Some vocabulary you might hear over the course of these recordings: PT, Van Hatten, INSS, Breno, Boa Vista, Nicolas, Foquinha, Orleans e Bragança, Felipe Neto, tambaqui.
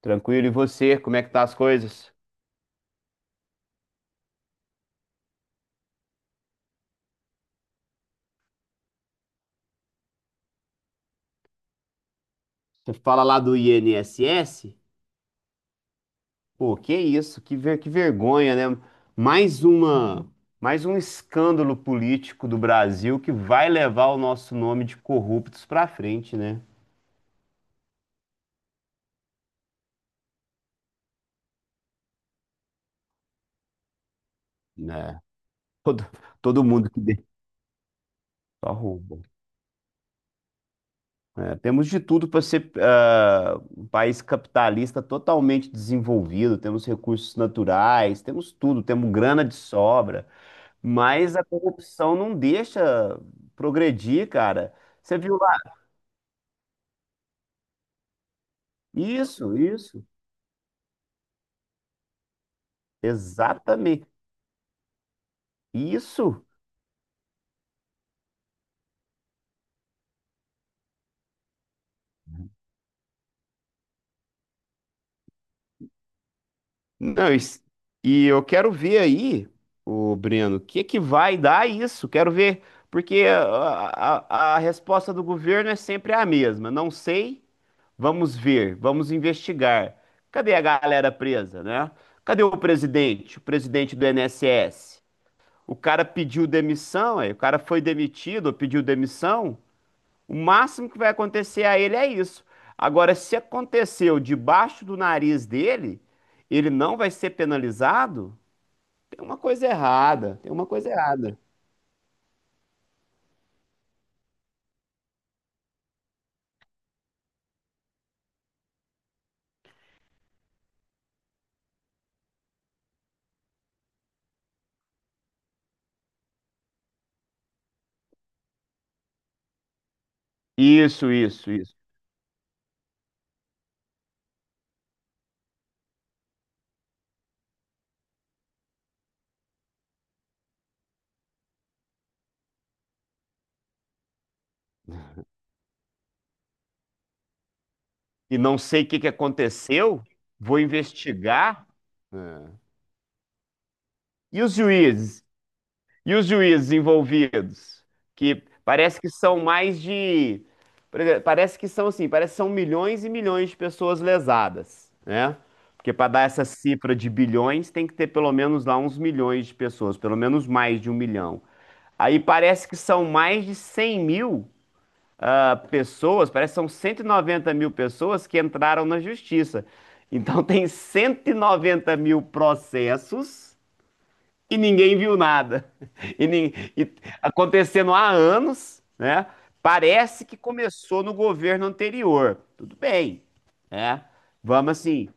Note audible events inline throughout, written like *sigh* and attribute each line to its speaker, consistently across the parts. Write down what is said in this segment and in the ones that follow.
Speaker 1: Tranquilo, e você? Como é que tá as coisas? Você fala lá do INSS? Pô, que isso? Que vergonha, né? Mais uma, mais um escândalo político do Brasil que vai levar o nosso nome de corruptos pra frente, né? Né? Todo, todo mundo que só rouba. É, temos de tudo para ser um país capitalista totalmente desenvolvido, temos recursos naturais, temos tudo, temos grana de sobra. Mas a corrupção não deixa progredir, cara. Você viu lá? Isso, isso. Exatamente. Isso. Não, e eu quero ver aí, o Breno, o que que vai dar isso? Quero ver, porque a resposta do governo é sempre a mesma. Não sei, vamos ver, vamos investigar. Cadê a galera presa, né? Cadê o presidente do INSS? O cara pediu demissão, aí o cara foi demitido, ou pediu demissão. O máximo que vai acontecer a ele é isso. Agora, se aconteceu debaixo do nariz dele, ele não vai ser penalizado? Tem uma coisa errada, tem uma coisa errada. Isso, isso, isso. E não sei o que que aconteceu, vou investigar. É. E os juízes? E os juízes envolvidos, que parece que são mais de, por exemplo, parece que são assim, parece que são milhões e milhões de pessoas lesadas, né? Porque para dar essa cifra de bilhões tem que ter pelo menos lá uns milhões de pessoas, pelo menos mais de um milhão. Aí parece que são mais de 100 mil pessoas, parece que são 190 mil pessoas que entraram na justiça. Então *laughs* tem 190 mil processos e ninguém viu nada. E acontecendo há anos, né? Parece que começou no governo anterior. Tudo bem, né? Vamos assim.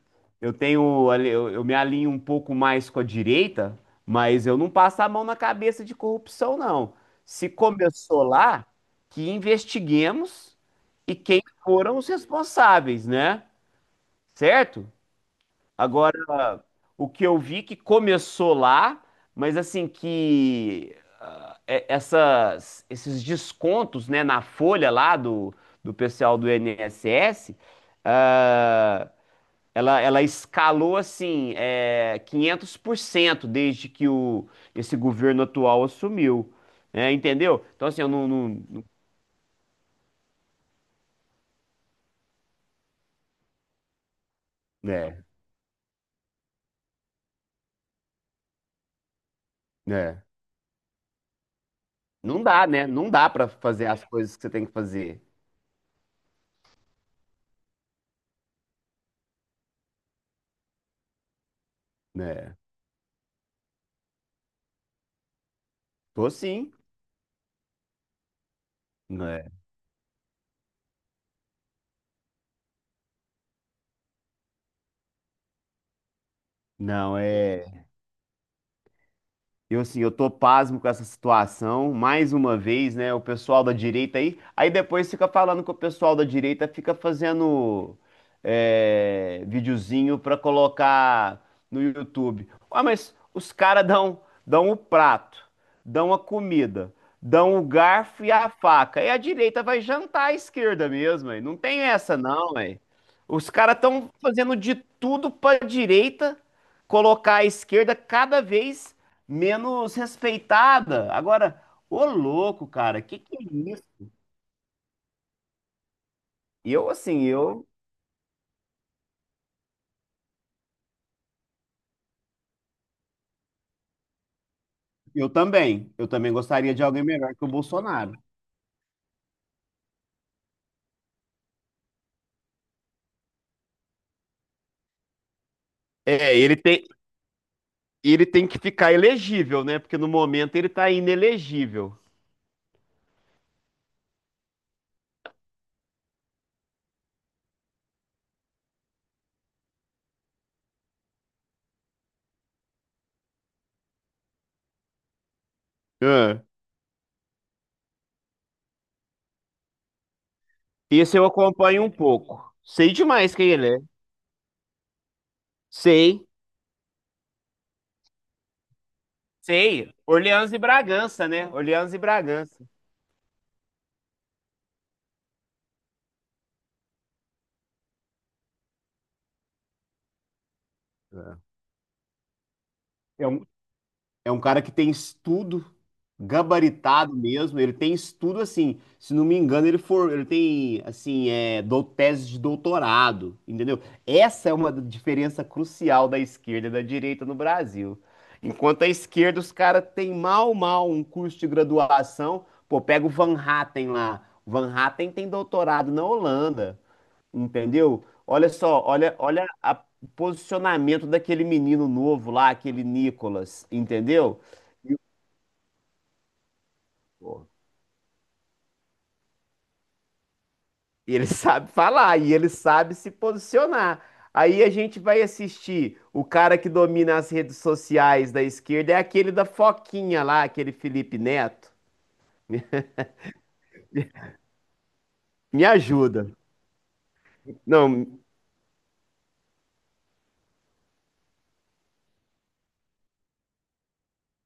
Speaker 1: Eu me alinho um pouco mais com a direita, mas eu não passo a mão na cabeça de corrupção, não. Se começou lá, que investiguemos e quem foram os responsáveis, né? Certo? Agora, o que eu vi que começou lá, mas assim que esses descontos, né, na folha lá do pessoal do INSS, ah, ela escalou assim, é, 500% desde que o, esse governo atual assumiu, né, entendeu? Então assim, eu não, né, né, né? Não dá pra fazer as coisas que você tem que fazer. Né, tô sim. Né. Não, é. Eu, assim, eu tô pasmo com essa situação, mais uma vez, né? O pessoal da direita aí. Aí depois fica falando que o pessoal da direita fica fazendo videozinho pra colocar no YouTube. Ah, mas os caras dão, dão o prato, dão a comida, dão o garfo e a faca. E a direita vai jantar à esquerda mesmo, aí. Não tem essa, não, aí. Os caras estão fazendo de tudo pra direita colocar a esquerda cada vez menos respeitada. Agora, ô louco, cara, que é isso? Eu, assim, eu. Eu também. Eu também gostaria de alguém melhor que o Bolsonaro. É, ele tem que ficar elegível, né? Porque no momento ele tá inelegível. Ah, esse eu acompanho um pouco. Sei demais quem ele é. Sei, sei. Orleans e Bragança, né? Orleans e Bragança. É um É um cara que tem estudo, gabaritado mesmo, ele tem estudo assim, se não me engano, ele tem assim, tese de doutorado, entendeu? Essa é uma diferença crucial da esquerda e da direita no Brasil. Enquanto a esquerda, os caras têm mal, mal um curso de graduação. Pô, pega o Van Hatten lá. O Van Hatten tem doutorado na Holanda, entendeu? Olha só, olha, olha o posicionamento daquele menino novo lá, aquele Nicolas, entendeu? Pô, e ele *laughs* sabe falar, e ele sabe se posicionar. Aí a gente vai assistir. O cara que domina as redes sociais da esquerda é aquele da Foquinha lá, aquele Felipe Neto. Me ajuda. Não,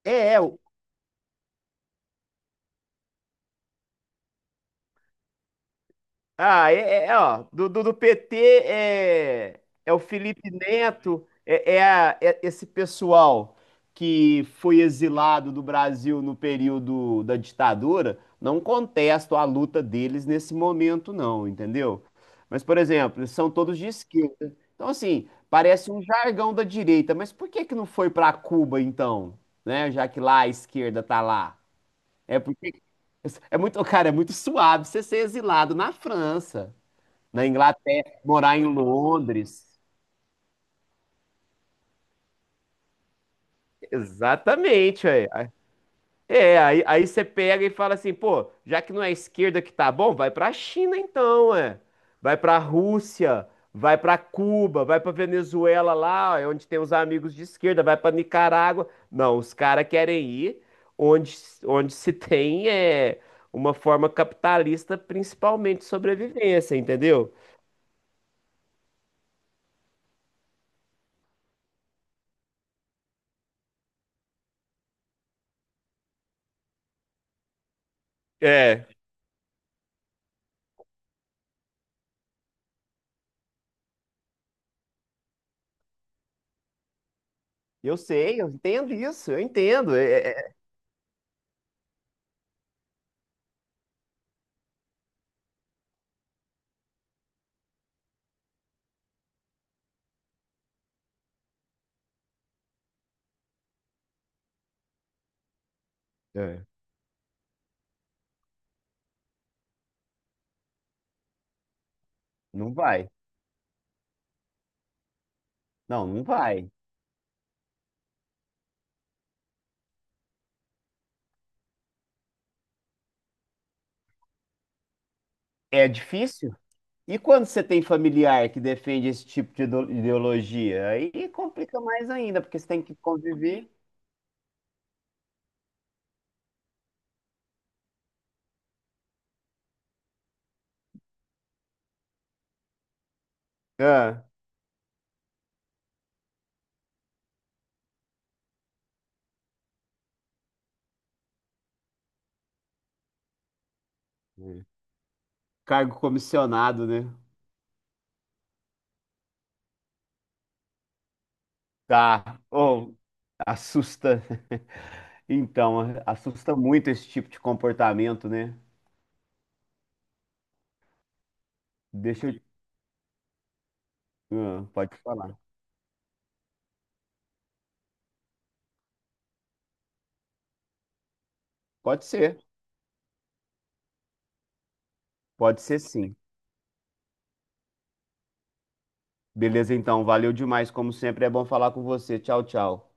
Speaker 1: é, é, ah, ó, do PT é o Felipe Neto, é esse pessoal que foi exilado do Brasil no período da ditadura, não contesto a luta deles nesse momento, não, entendeu? Mas, por exemplo, eles são todos de esquerda. Então, assim, parece um jargão da direita, mas por que que não foi para Cuba, então? Né? Já que lá a esquerda tá lá. É porque *laughs* é muito, cara, é muito suave você ser exilado na França na Inglaterra, morar em Londres. Exatamente, aí. É, aí você pega e fala assim, pô, já que não é a esquerda que tá bom, vai pra China então, é. Vai pra Rússia, vai pra Cuba, vai pra Venezuela lá, ó, é onde tem os amigos de esquerda, vai pra Nicarágua. Não, os caras querem ir onde, onde se tem uma forma capitalista, principalmente de sobrevivência, entendeu? É. Eu sei, eu entendo isso, eu entendo. É, é-. É. Não vai. Não, não vai. É difícil. E quando você tem familiar que defende esse tipo de ideologia? Aí complica mais ainda, porque você tem que conviver. Ah, cargo comissionado, né? Tá. Ou assusta. *laughs* Então, assusta muito esse tipo de comportamento, né? Deixa eu. Ah, pode falar. Pode ser. Pode ser sim. Beleza, então. Valeu demais, como sempre. É bom falar com você. Tchau, tchau.